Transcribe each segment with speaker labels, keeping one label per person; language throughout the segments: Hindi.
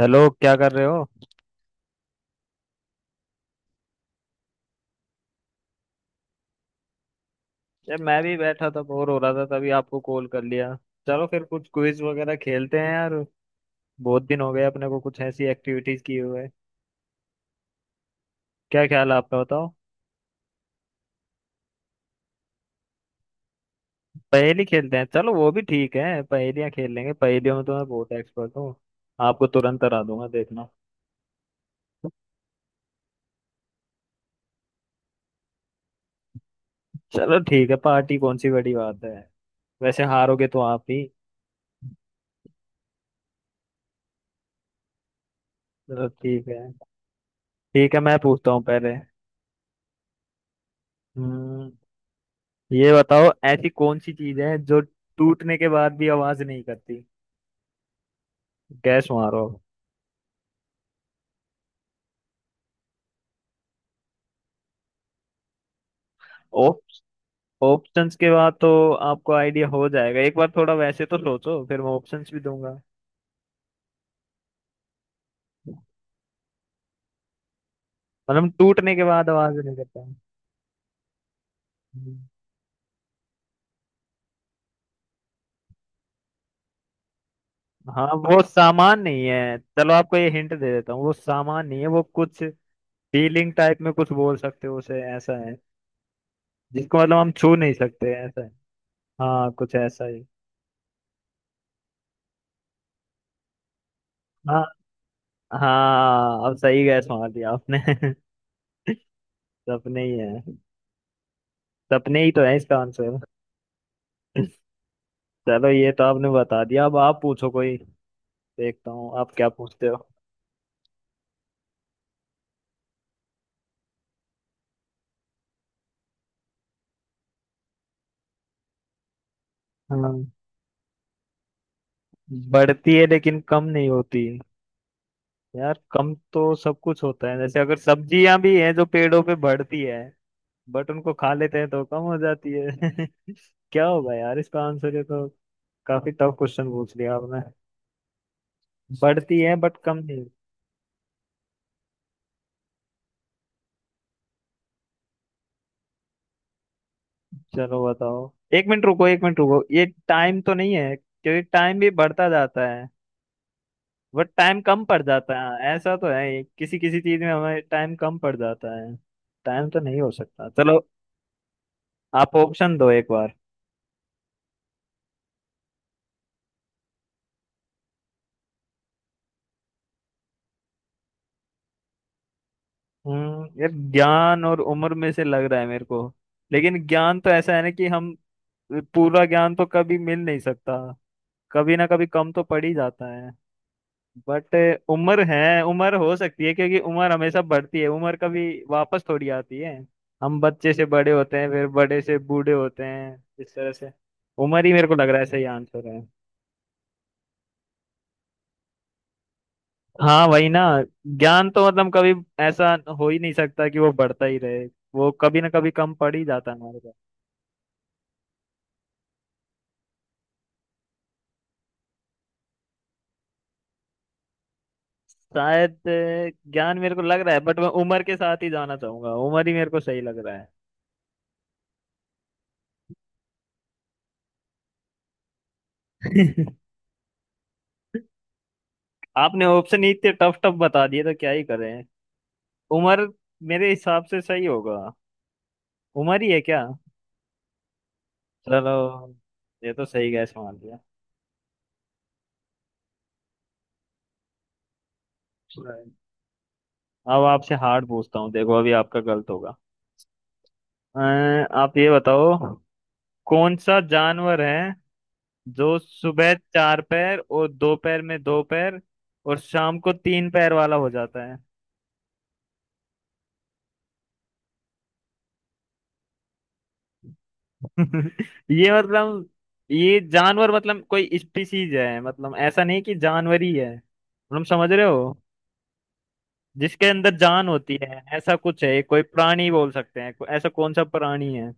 Speaker 1: हेलो, क्या कर रहे हो? यार, मैं भी बैठा था, बोर हो रहा था, तभी आपको कॉल कर लिया। चलो फिर कुछ क्विज वगैरह खेलते हैं यार। बहुत दिन हो गए अपने को कुछ ऐसी एक्टिविटीज किए हुए। क्या ख्याल है आपका, बताओ। पहेली खेलते हैं, चलो वो भी ठीक है, पहेलियाँ खेल लेंगे। पहेलियों में तो मैं बहुत एक्सपर्ट हूँ। आपको तुरंत हरा दूंगा, देखना। चलो ठीक है, पार्टी कौन सी बड़ी बात है। वैसे हारोगे तो आप ही। चलो ठीक है। ठीक है, मैं पूछता हूँ पहले। हम्म, ये बताओ, ऐसी कौन सी चीज है जो टूटने के बाद भी आवाज नहीं करती? गैस मारो। ओप ऑप्शंस के बाद तो आपको आइडिया हो जाएगा, एक बार थोड़ा वैसे तो सोचो, फिर मैं ऑप्शंस भी दूंगा। मतलब टूटने के बाद आवाज नहीं करता। हम्म, हाँ वो सामान नहीं है। चलो आपको ये हिंट दे देता हूँ, वो सामान नहीं है, वो कुछ फीलिंग टाइप में कुछ बोल सकते हो उसे, ऐसा है। जिसको मतलब हम छू नहीं सकते, ऐसा है। हाँ, कुछ ऐसा ही। हाँ, हाँ, अब सही गैस मार दिया आपने। सपने ही है, सपने ही तो है इसका आंसर। चलो ये तो आपने बता दिया, अब आप पूछो कोई, देखता हूँ आप क्या पूछते हो। हाँ, बढ़ती है लेकिन कम नहीं होती। यार, कम तो सब कुछ होता है, जैसे अगर सब्जियां भी हैं जो पेड़ों पे बढ़ती है, बट उनको खा लेते हैं तो कम हो जाती है। क्या होगा यार इसका आंसर, ये तो काफी टफ क्वेश्चन पूछ लिया आपने। बढ़ती है बट कम नहीं। चलो बताओ। एक मिनट रुको, एक मिनट रुको, ये टाइम तो नहीं है? क्योंकि टाइम भी बढ़ता जाता है, बट टाइम कम पड़ जाता है, ऐसा तो है किसी किसी चीज में हमें टाइम कम पड़ जाता है। टाइम तो नहीं हो सकता, चलो आप ऑप्शन दो एक बार। यार, ज्ञान और उम्र में से लग रहा है मेरे को। लेकिन ज्ञान तो ऐसा है ना कि हम पूरा ज्ञान तो कभी मिल नहीं सकता, कभी ना कभी कम तो पड़ ही जाता है। बट उम्र है, उम्र हो सकती है, क्योंकि उम्र हमेशा बढ़ती है, उम्र कभी वापस थोड़ी आती है। हम बच्चे से बड़े होते हैं, फिर बड़े से बूढ़े होते हैं, इस तरह से उम्र ही मेरे को लग रहा है सही आंसर है। हाँ वही ना, ज्ञान तो मतलब कभी ऐसा हो ही नहीं सकता कि वो बढ़ता ही रहे, वो कभी ना कभी कम पड़ ही जाता है हमारे पास। शायद ज्ञान मेरे को लग रहा है, बट मैं उम्र के साथ ही जाना चाहूंगा, उम्र ही मेरे को सही लग रहा है। आपने ऑप्शन ही इतने टफ टफ बता दिए, तो क्या ही करें। उमर मेरे हिसाब से सही होगा, उमर ही है क्या? चलो, ये तो सही गैस मान लिया। Right. अब आपसे हार्ड पूछता हूँ, देखो अभी आपका गलत होगा। अ, आप ये बताओ, कौन सा जानवर है जो सुबह चार पैर और दोपहर में दो पैर और शाम को तीन पैर वाला हो जाता है? ये मतलब ये जानवर मतलब कोई स्पीसीज है, मतलब ऐसा नहीं कि जानवर ही है, मतलब समझ रहे हो। जिसके अंदर जान होती है, ऐसा कुछ है, ये कोई प्राणी बोल सकते हैं। ऐसा कौन सा प्राणी है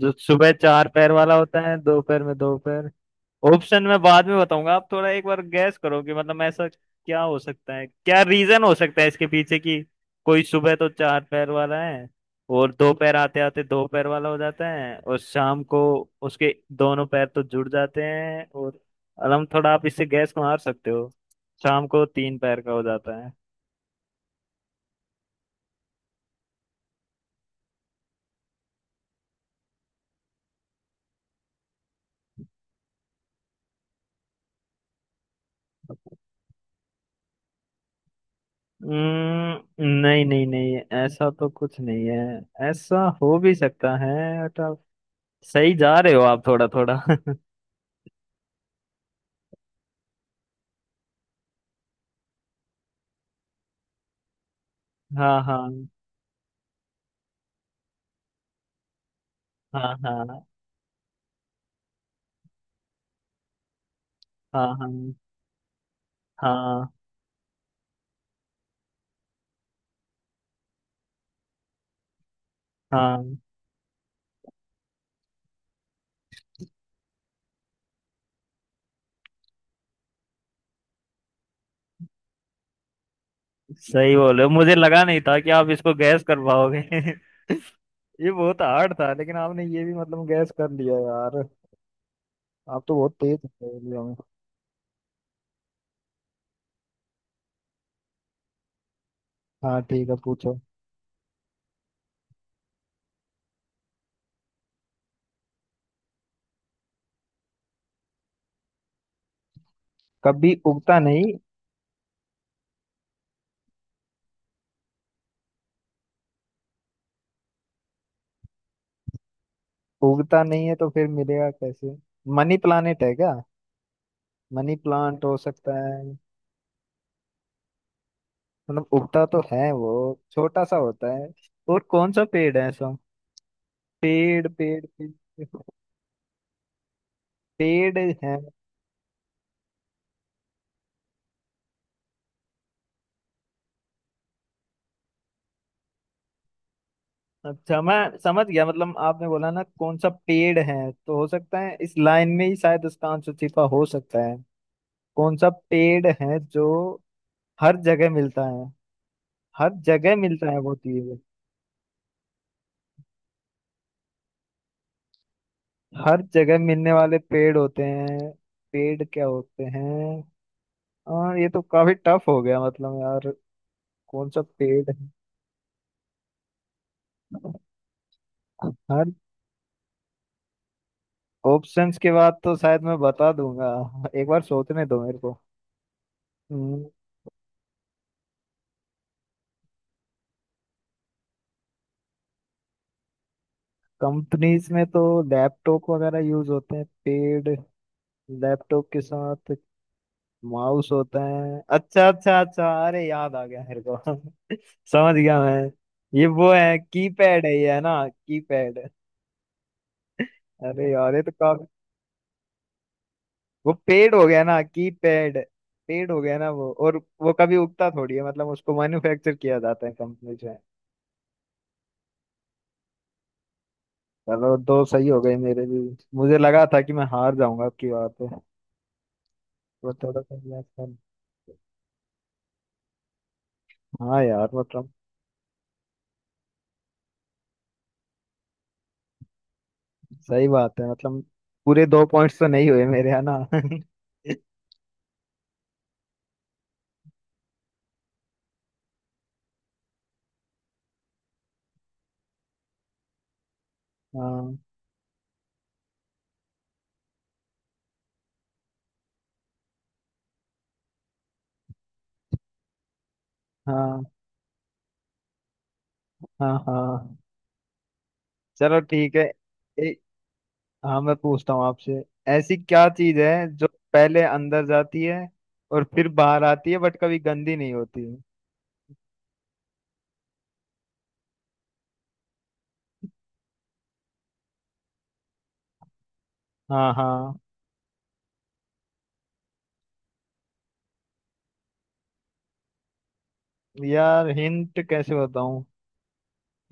Speaker 1: जो सुबह चार पैर वाला होता है, दोपहर में दो पैर। ऑप्शन मैं बाद में बताऊंगा, आप थोड़ा एक बार गैस करो कि मतलब ऐसा क्या हो सकता है, क्या रीजन हो सकता है इसके पीछे कि कोई सुबह तो चार पैर वाला है, और दो पैर आते आते दो पैर वाला हो जाता है, और शाम को उसके दोनों पैर तो जुड़ जाते हैं, और अलम थोड़ा आप इससे गैस मार सकते हो, शाम को तीन पैर का हो जाता है। नहीं नहीं नहीं, ऐसा तो कुछ नहीं है। ऐसा हो भी सकता है, बट आप सही जा रहे हो, आप थोड़ा थोड़ा। हाँ, हाँ, हाँ, हाँ, हाँ, हाँ, हाँ, हाँ, सही बोल रहे हो। मुझे लगा नहीं था कि आप इसको गैस कर पाओगे। ये बहुत हार्ड था, लेकिन आपने ये भी मतलब गैस कर लिया यार। आप तो बहुत तेज हो पहेलियों में। हाँ ठीक है, पूछो। कभी उगता नहीं? उगता नहीं है तो फिर मिलेगा कैसे? मनी प्लानेट है क्या? मनी प्लांट हो सकता है, मतलब उगता तो है, वो छोटा सा होता है। और कौन सा पेड़ है ऐसा? पेड़ पेड़ पेड़ पेड़ है। अच्छा, मैं समझ गया, मतलब आपने बोला ना कौन सा पेड़ है, तो हो सकता है इस लाइन में ही शायद उसका आंसर छिपा हो सकता है। कौन सा पेड़ है जो हर जगह मिलता है, हर जगह मिलता है वो चीज? हर जगह मिलने वाले पेड़ होते हैं, पेड़ क्या होते हैं? और ये तो काफी टफ हो गया मतलब यार, कौन सा पेड़ है? हर ऑप्शंस के बाद तो शायद मैं बता दूंगा, एक बार सोचने दो मेरे को। कंपनीज में तो लैपटॉप वगैरह यूज होते हैं। पेड़, लैपटॉप के साथ माउस होता है। अच्छा, अच्छा, अच्छा, अरे याद आ गया मेरे को। समझ गया मैं, ये वो है कीपैड है, ये है ना कीपैड? अरे यार, ये तो काफी, वो पेड़ हो गया ना कीपैड, पेड़ हो गया ना वो। और वो कभी उगता थोड़ी है, मतलब उसको मैन्युफैक्चर किया जाता है कंपनी। चलो दो सही हो गए मेरे भी, मुझे लगा था कि मैं हार जाऊंगा आपकी बात पे, पर थोड़ा सा प्रयास कर। हाँ यार, मतलब सही बात है मतलब। पूरे दो पॉइंट्स तो नहीं हुए मेरे, है ना? हाँ, हाँ, हाँ, हाँ, चलो ठीक है। ए, हाँ, मैं पूछता हूँ आपसे, ऐसी क्या चीज है जो पहले अंदर जाती है और फिर बाहर आती है, बट कभी गंदी नहीं होती? हाँ, हाँ, यार हिंट कैसे बताऊं?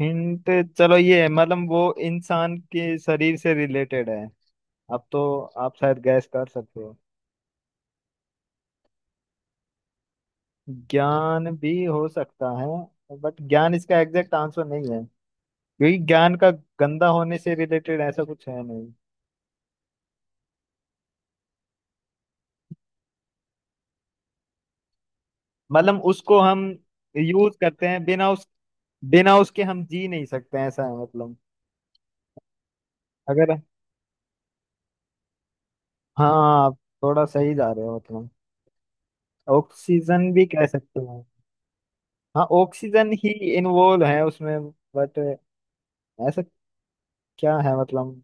Speaker 1: हिंट, चलो ये है, मतलब वो इंसान के शरीर से रिलेटेड है, अब तो आप शायद गैस कर सकते हो। ज्ञान भी हो सकता है, बट ज्ञान इसका एग्जैक्ट आंसर नहीं है, क्योंकि ज्ञान का गंदा होने से रिलेटेड ऐसा कुछ है नहीं। मतलब उसको हम यूज करते हैं, बिना उस, बिना उसके हम जी नहीं सकते, ऐसा है मतलब। अगर, हाँ, आप थोड़ा सही जा रहे हो, मतलब ऑक्सीजन भी कह सकते हो। हाँ, ऑक्सीजन ही इन्वॉल्व है उसमें, बट ऐसा क्या है, मतलब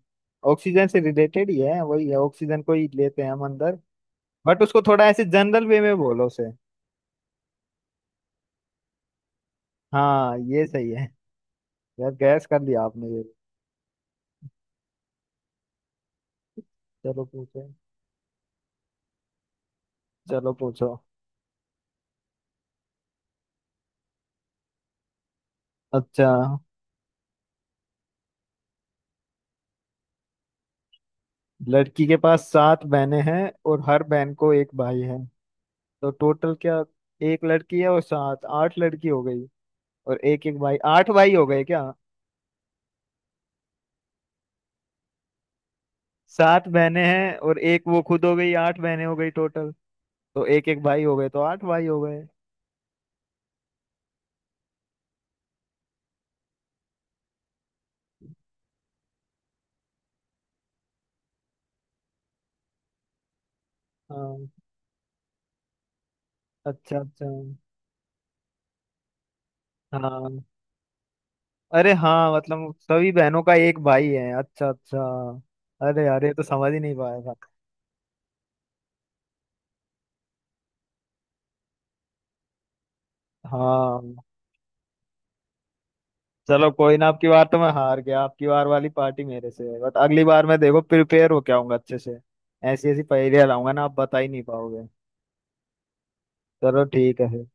Speaker 1: ऑक्सीजन से रिलेटेड ही है, वही है, ऑक्सीजन को ही लेते हैं हम अंदर, बट उसको थोड़ा ऐसे जनरल वे में बोलो उसे। हाँ ये सही है, यार गैस कर लिया आपने ये। चलो पूछो, चलो पूछो। अच्छा, लड़की के पास सात बहनें हैं और हर बहन को एक भाई है, तो टोटल क्या? एक लड़की है और सात, आठ लड़की हो गई, और एक एक भाई, आठ भाई हो गए क्या? सात बहनें हैं और एक वो खुद, हो गई आठ बहनें हो गई टोटल, तो एक एक भाई हो गए, तो आठ भाई हो गए। हाँ, अच्छा, अच्छा। हाँ, अरे हाँ, मतलब सभी बहनों का एक भाई है। अच्छा, अच्छा, अरे यार, ये तो समझ ही नहीं पाया था। हाँ, चलो कोई ना, आपकी बार तो मैं हार गया, आपकी बार वाली पार्टी मेरे से है, बट अगली बार मैं देखो प्रिपेयर होके आऊंगा अच्छे से। ऐसी ऐसी पहेलियां लाऊंगा ना, आप बता ही नहीं पाओगे। चलो ठीक है फिर।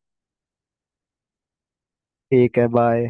Speaker 1: ठीक है, बाय।